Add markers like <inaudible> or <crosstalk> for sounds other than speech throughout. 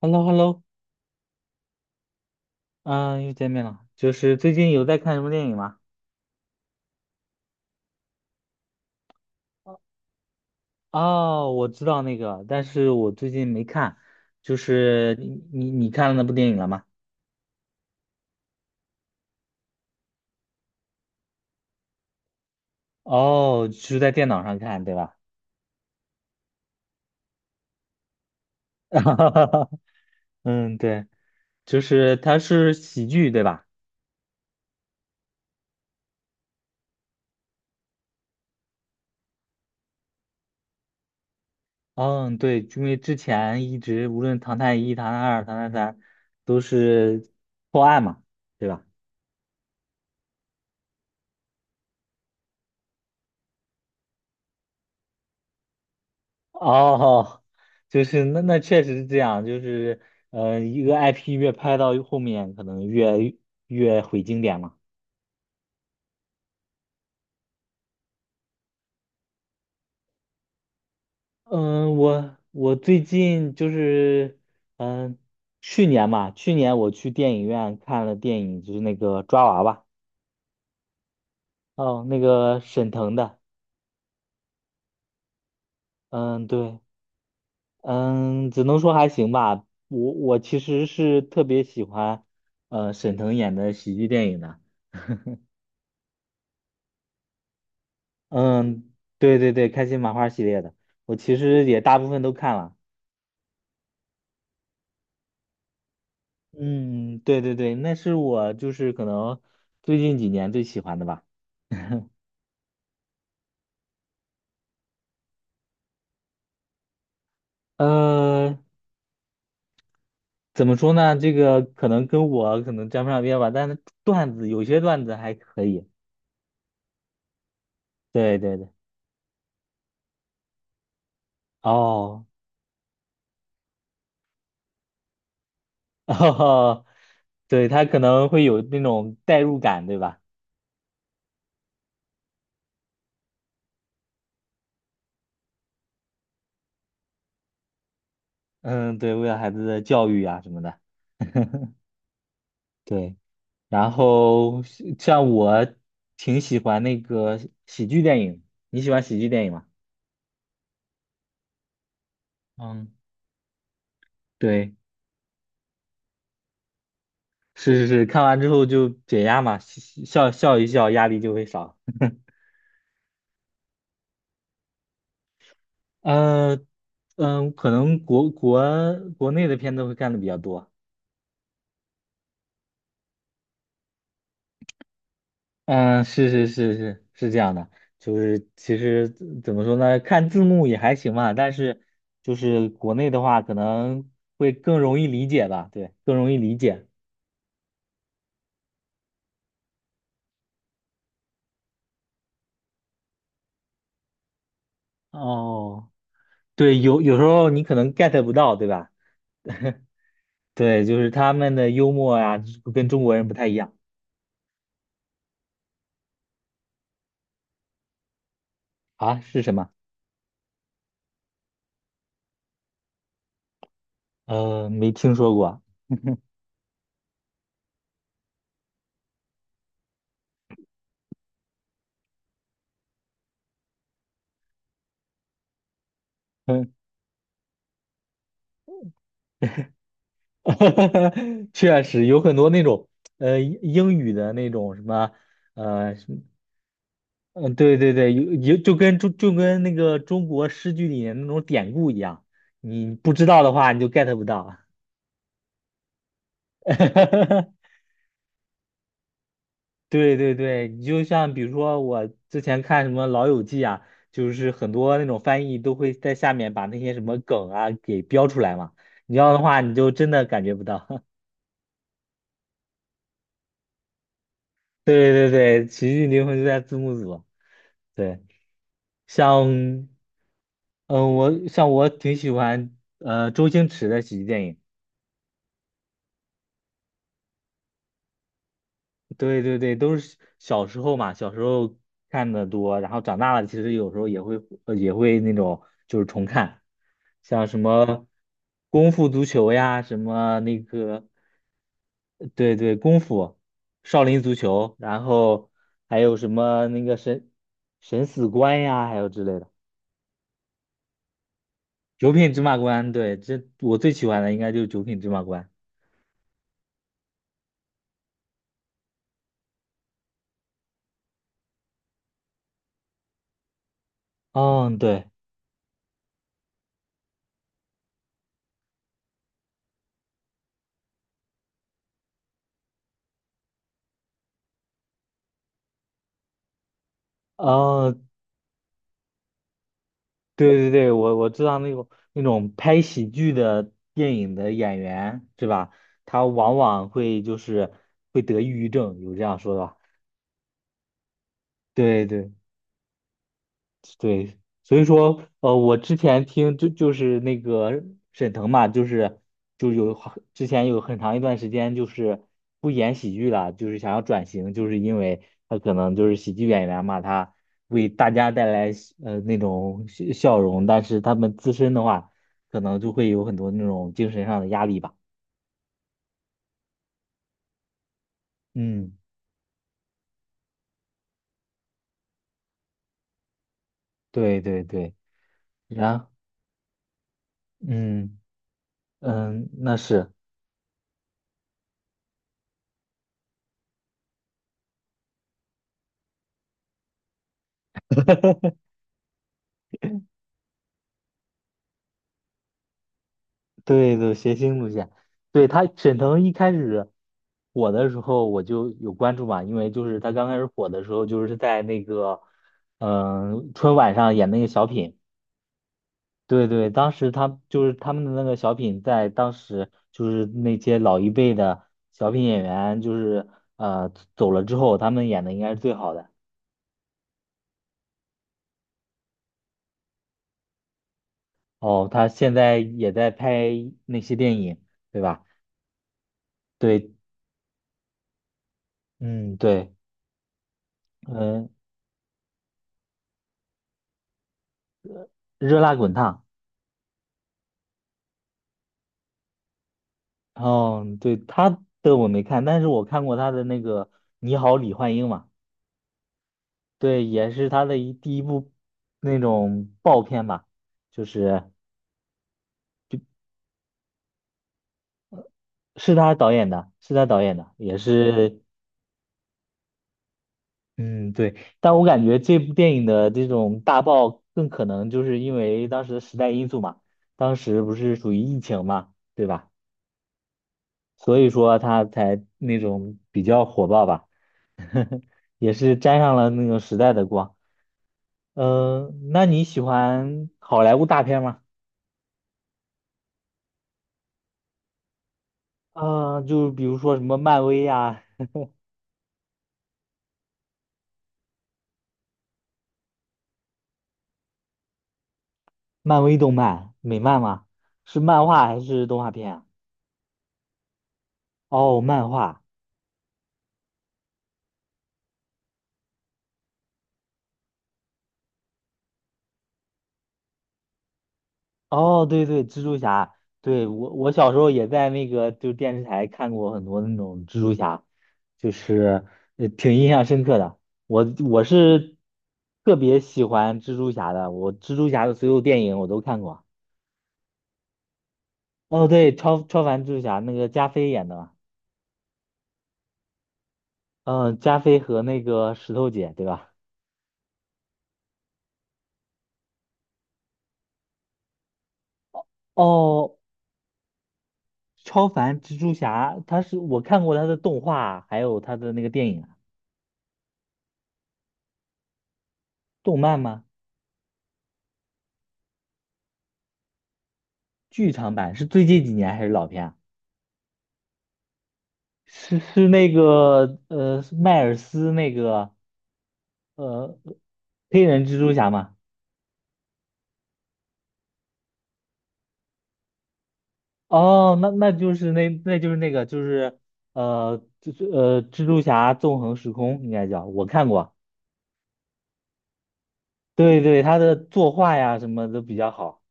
h e l l o h e l l o 嗯，又见面了。就是最近有在看什么电影吗？哦，我知道那个，但是我最近没看。就是你看了那部电影了吗？哦，是在电脑上看，对吧？<laughs> 嗯，对，就是它是喜剧，对吧？嗯，对，因为之前一直无论《唐探一》《唐探二》《唐探三》都是破案嘛，对吧？哦，就是那确实是这样，就是一个 IP 越拍到后面，可能越毁经典嘛。嗯，我最近就是嗯，去年嘛，去年我去电影院看了电影，就是那个抓娃娃，哦，那个沈腾的，嗯，对，嗯，只能说还行吧。我其实是特别喜欢沈腾演的喜剧电影的。<laughs> 嗯，对对对，开心麻花系列的，我其实也大部分都看了。嗯，对对对，那是我就是可能最近几年最喜欢的吧。呃，怎么说呢？这个可能跟我可能沾不上边吧，但是段子有些段子还可以。对对对，哦 <laughs>，哦，对，他可能会有那种代入感，对吧？嗯，对，为了孩子的教育啊什么的。<laughs> 对，然后像我挺喜欢那个喜剧电影，你喜欢喜剧电影吗？嗯，对，是是是，看完之后就解压嘛，笑笑一笑，压力就会少。呃，可能国内的片子会看的比较多。嗯，是这样的，就是其实怎么说呢，看字幕也还行吧，但是就是国内的话，可能会更容易理解吧，对，更容易理解。哦，对，有时候你可能 get 不到，对吧？对，就是他们的幽默呀，跟中国人不太一样啊，是什么？没听说过啊。嗯 <laughs> 确实有很多那种英语的那种什么，对对对，有就跟那个中国诗句里面那种典故一样，你不知道的话你就 get 不到。<laughs> 对对对，你就像比如说我之前看什么《老友记》啊，就是很多那种翻译都会在下面把那些什么梗啊给标出来嘛，你要的话你就真的感觉不到。<laughs> 对对对，喜剧灵魂就在字幕组。对，像嗯，我挺喜欢周星驰的喜剧电影。对对对，都是小时候嘛，小时候看的多，然后长大了其实有时候也会也会那种就是重看，像什么功夫足球呀，什么那个对对功夫、少林足球，然后还有什么那个神死关呀，还有之类的九品芝麻官，对，这我最喜欢的应该就是九品芝麻官。嗯，对，嗯。对对对，我知道那种拍喜剧的电影的演员是吧？他往往会就是会得抑郁症，有这样说的吧对对。对，所以说，我之前听就是那个沈腾嘛，就是就有好之前有很长一段时间就是不演喜剧了，就是想要转型，就是因为他可能就是喜剧演员嘛，他为大家带来那种笑容，但是他们自身的话，可能就会有很多那种精神上的压力吧。嗯，对对对，然嗯嗯，那是。对对，谐星路线，对他沈腾一开始火的时候我就有关注嘛，因为就是他刚开始火的时候，就是在那个春晚上演那个小品，对对，当时他就是他们的那个小品，在当时就是那些老一辈的小品演员，就是走了之后，他们演的应该是最好的。哦，他现在也在拍那些电影，对吧？对，嗯，对，嗯、热辣滚烫。哦，对，他的我没看，但是我看过他的那个《你好，李焕英》嘛，对，也是他的第一部那种爆片吧，就是是他导演的，是他导演的，也是，嗯，对，但我感觉这部电影的这种大爆更可能就是因为当时的时代因素嘛，当时不是属于疫情嘛，对吧？所以说他才那种比较火爆吧，<laughs> 也是沾上了那种时代的光。嗯，那你喜欢好莱坞大片吗？就比如说什么漫威呀、漫威动漫、美漫吗？是漫画还是动画片啊？哦，漫画。哦，对对，蜘蛛侠。对，我小时候也在那个就电视台看过很多那种蜘蛛侠，就是挺印象深刻的。我是特别喜欢蜘蛛侠的，我蜘蛛侠的所有电影我都看过。哦，对，超凡蜘蛛侠那个加菲演的嘛。嗯，加菲和那个石头姐，对吧？哦，超凡蜘蛛侠，他是我看过他的动画，还有他的那个电影啊动漫吗？剧场版是最近几年还是老片啊？是是那个是迈尔斯那个呃黑人蜘蛛侠吗？哦，那就是蜘蛛侠纵横时空应该叫，我看过，对对，他的作画呀什么都比较好。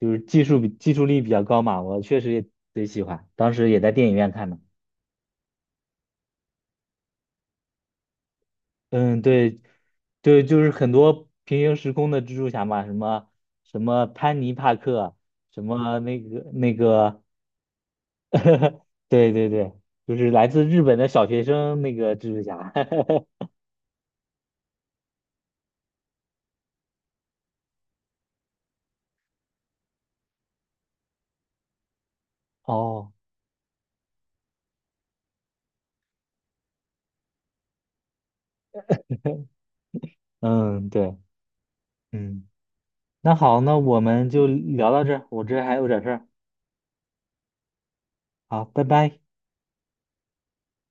就是技术比技术力比较高嘛，我确实也贼喜欢，当时也在电影院看的。嗯，对，对，就是很多平行时空的蜘蛛侠嘛，什么潘尼帕克，什么那个，<laughs> 对对对，就是来自日本的小学生那个蜘蛛侠。<laughs> 哦，嗯，对，嗯，那好，那我们就聊到这儿，我这还有点事儿，好，拜拜。